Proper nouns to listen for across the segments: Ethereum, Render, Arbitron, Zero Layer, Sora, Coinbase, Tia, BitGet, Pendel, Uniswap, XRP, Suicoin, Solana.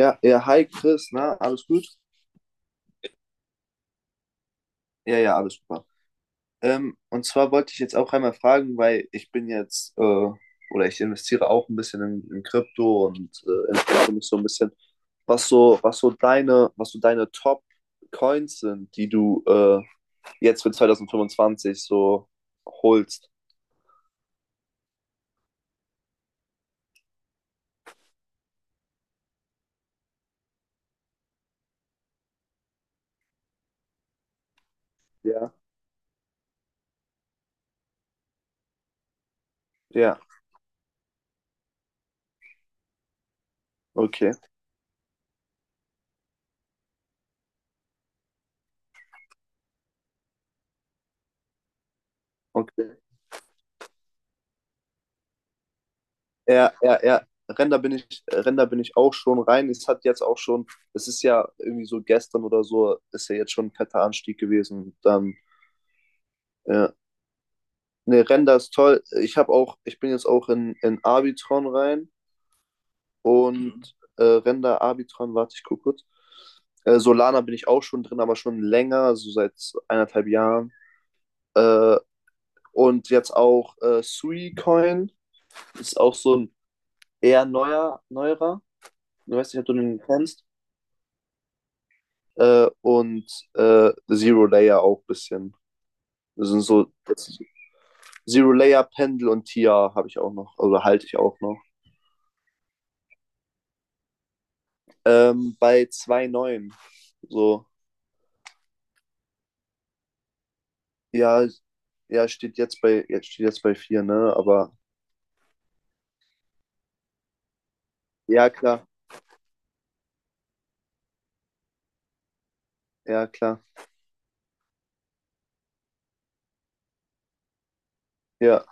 Ja, ja, hi Chris, na, alles gut? Ja, ja, alles super. Und zwar wollte ich jetzt auch einmal fragen, weil ich bin jetzt, oder ich investiere auch ein bisschen in Krypto und interessiere mich so ein bisschen, was so deine Top-Coins sind, die du jetzt für 2025 so holst. Ja. Ja, okay, okay. Ja, ja, ja. Render bin ich auch schon rein. Es hat jetzt auch schon, es ist ja irgendwie so gestern oder so, ist ja jetzt schon ein fetter Anstieg gewesen. Dann, ja. Ne, Render ist toll. Ich habe auch, ich bin jetzt auch in Arbitron rein und Render, Arbitron, warte, ich guck kurz. Solana bin ich auch schon drin, aber schon länger, so seit eineinhalb Jahren. Äh, und jetzt auch Suicoin ist auch so ein eher neuerer. Du weißt nicht, ob du den kennst. äh, und Zero Layer auch ein bisschen. Das sind so das Zero Layer, Pendel und Tia habe ich auch noch, oder halte ich auch noch. Bei 2,9. So, ja, ja, jetzt steht jetzt bei 4, ne? Aber ja, klar, ja, klar. Ja.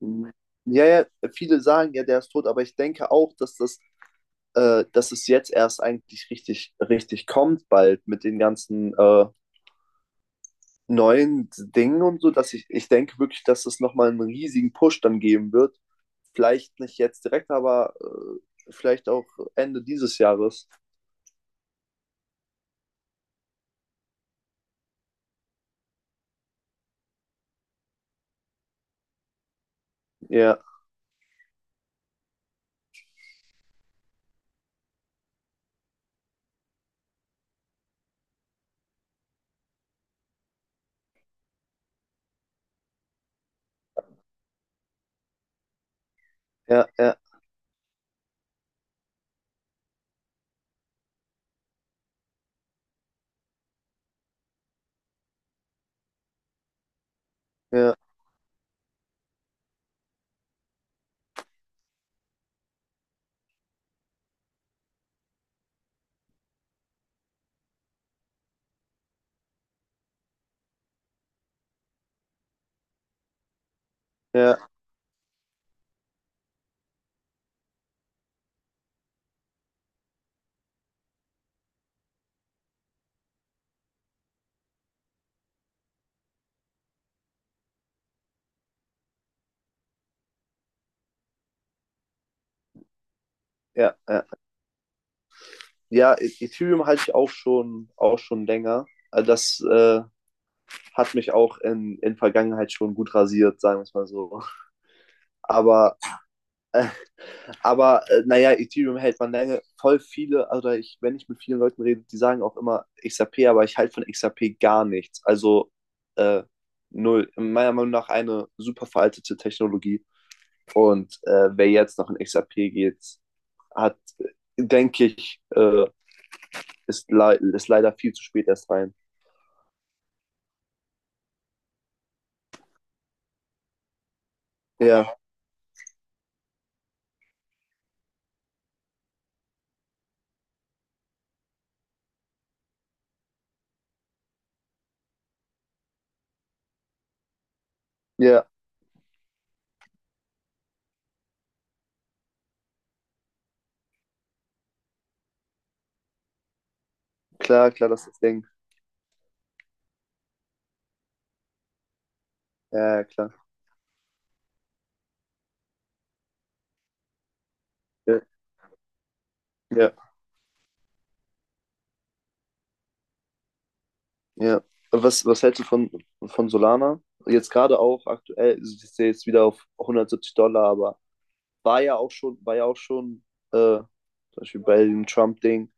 Mhm. Ja, ja, viele sagen ja, der ist tot, aber ich denke auch, dass es jetzt erst eigentlich richtig, richtig kommt, bald mit den ganzen neuen Dingen und so, dass ich denke wirklich, dass es nochmal einen riesigen Push dann geben wird. Vielleicht nicht jetzt direkt, aber vielleicht auch Ende dieses Jahres. Ja, ja, ja, ja, ja, ja, ja. Ja, Ethereum halte ich auch schon länger. Also, das hat mich auch in Vergangenheit schon gut rasiert, sagen wir es mal so. Aber Aber naja, Ethereum hält man lange. Voll viele, also ich, wenn ich mit vielen Leuten rede, die sagen auch immer XRP, aber ich halte von XRP gar nichts. Also äh, null. In meiner Meinung nach eine super veraltete Technologie. Und wer jetzt noch in XRP geht, hat, denke ich, ist leider viel zu spät erst rein. Ja, ja, klar, klar, das ist das Ding. Ja, klar. Ja, ja. Ja. Was hältst du von Solana? Jetzt gerade auch aktuell, also ich sehe jetzt wieder auf 170 Dollar, aber war ja auch schon, war ja auch schon, zum Beispiel bei dem Trump-Ding,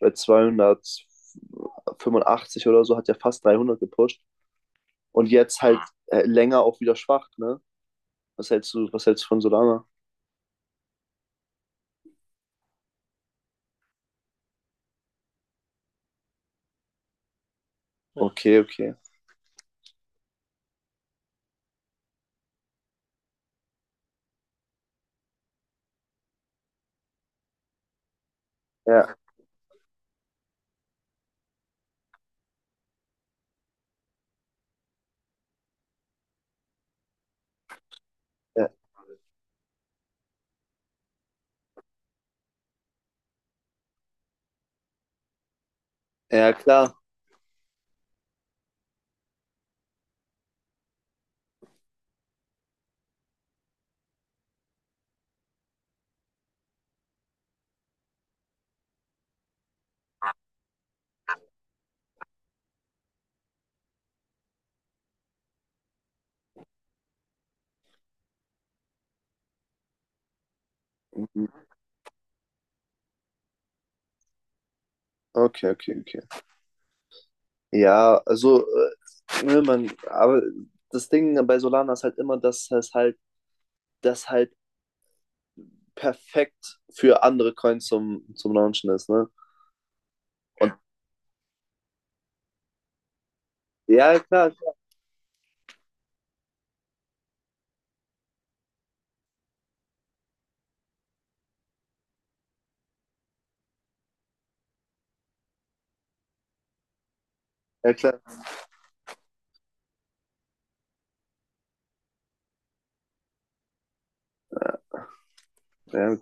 bei 285 oder so, hat ja fast 300 gepusht. Und jetzt halt länger auch wieder schwach, ne? Was hältst du von Solana? Okay, okay. Ja, ja, ja, klar. Mhm. Okay, okay, okay. Ja, also, ne, man, aber das Ding bei Solana ist halt immer, dass es halt das halt perfekt für andere Coins zum Launchen ist, ne? Und ja, klar, ja, klar. Ja.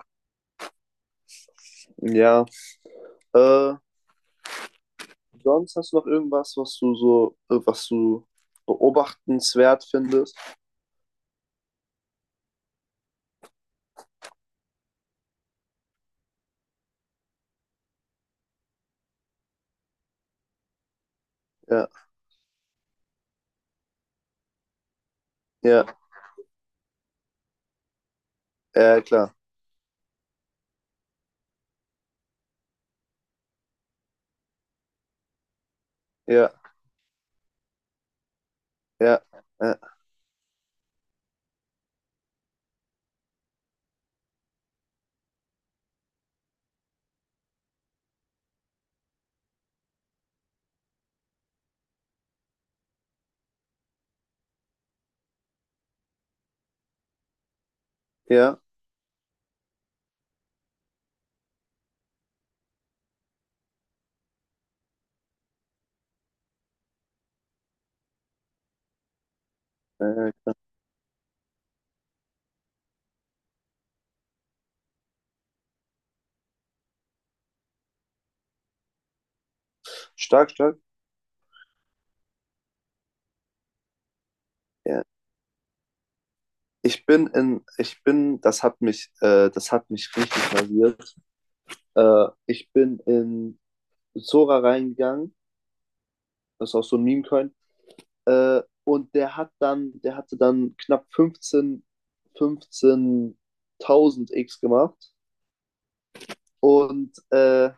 Ja. Äh, Sonst hast du noch irgendwas, was du beobachtenswert findest? Ja, ja, ja, klar. Ja, ja, ja, ja. Äh, Stark, stark. Ja. Ich bin in, ich bin, das hat mich richtig rasiert. Ich bin in Sora reingegangen. Das ist auch so ein Meme-Coin. Und der hatte dann knapp 15 15.000 X gemacht. Und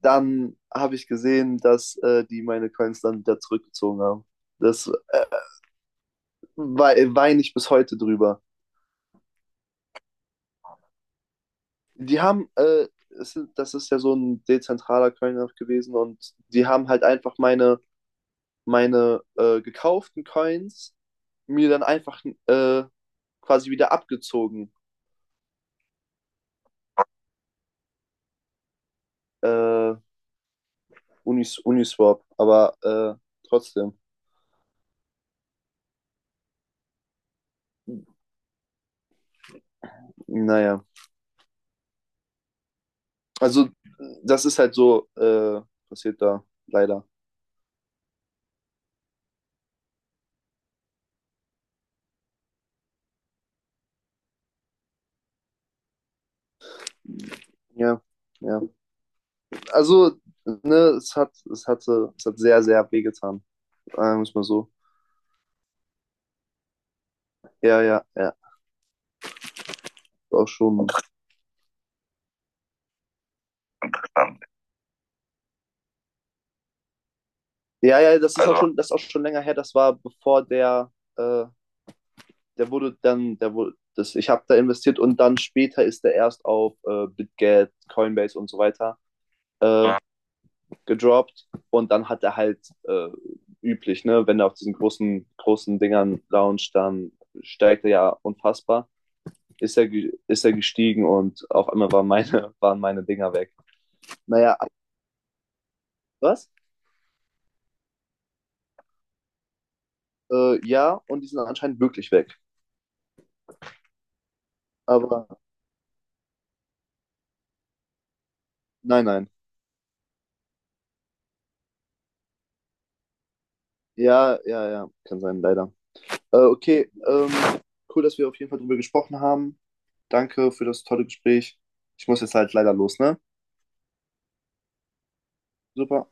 dann habe ich gesehen, dass die meine Coins dann wieder zurückgezogen haben. Das weine ich bis heute drüber. Die haben, es, sind- das ist ja so ein dezentraler Coin auch gewesen und die haben halt einfach meine gekauften Coins mir dann einfach quasi wieder abgezogen. Äh, Uniswap, aber trotzdem, naja. Also, das ist halt so, passiert da leider. Ja, ja. Also, ne, es hat sehr, sehr wehgetan, sagen wir es mal so. Ja, ja, ja, auch schon. Ja, ja, das ist auch schon länger her, das war bevor der, äh, der wurde dann, der wurde, das, ich habe da investiert und dann später ist der erst auf BitGet, Coinbase und so weiter gedroppt, und dann hat er halt üblich, ne, wenn er auf diesen großen, großen Dingern launcht, dann steigt er ja unfassbar. Ist er, ist er gestiegen und auf einmal waren meine, waren meine Dinger weg. Naja, was? Ja, und die sind anscheinend wirklich weg. Aber nein, nein. Ja, ja, ja, kann sein, leider. Okay, cool, dass wir auf jeden Fall drüber gesprochen haben. Danke für das tolle Gespräch. Ich muss jetzt halt leider los, ne? Super.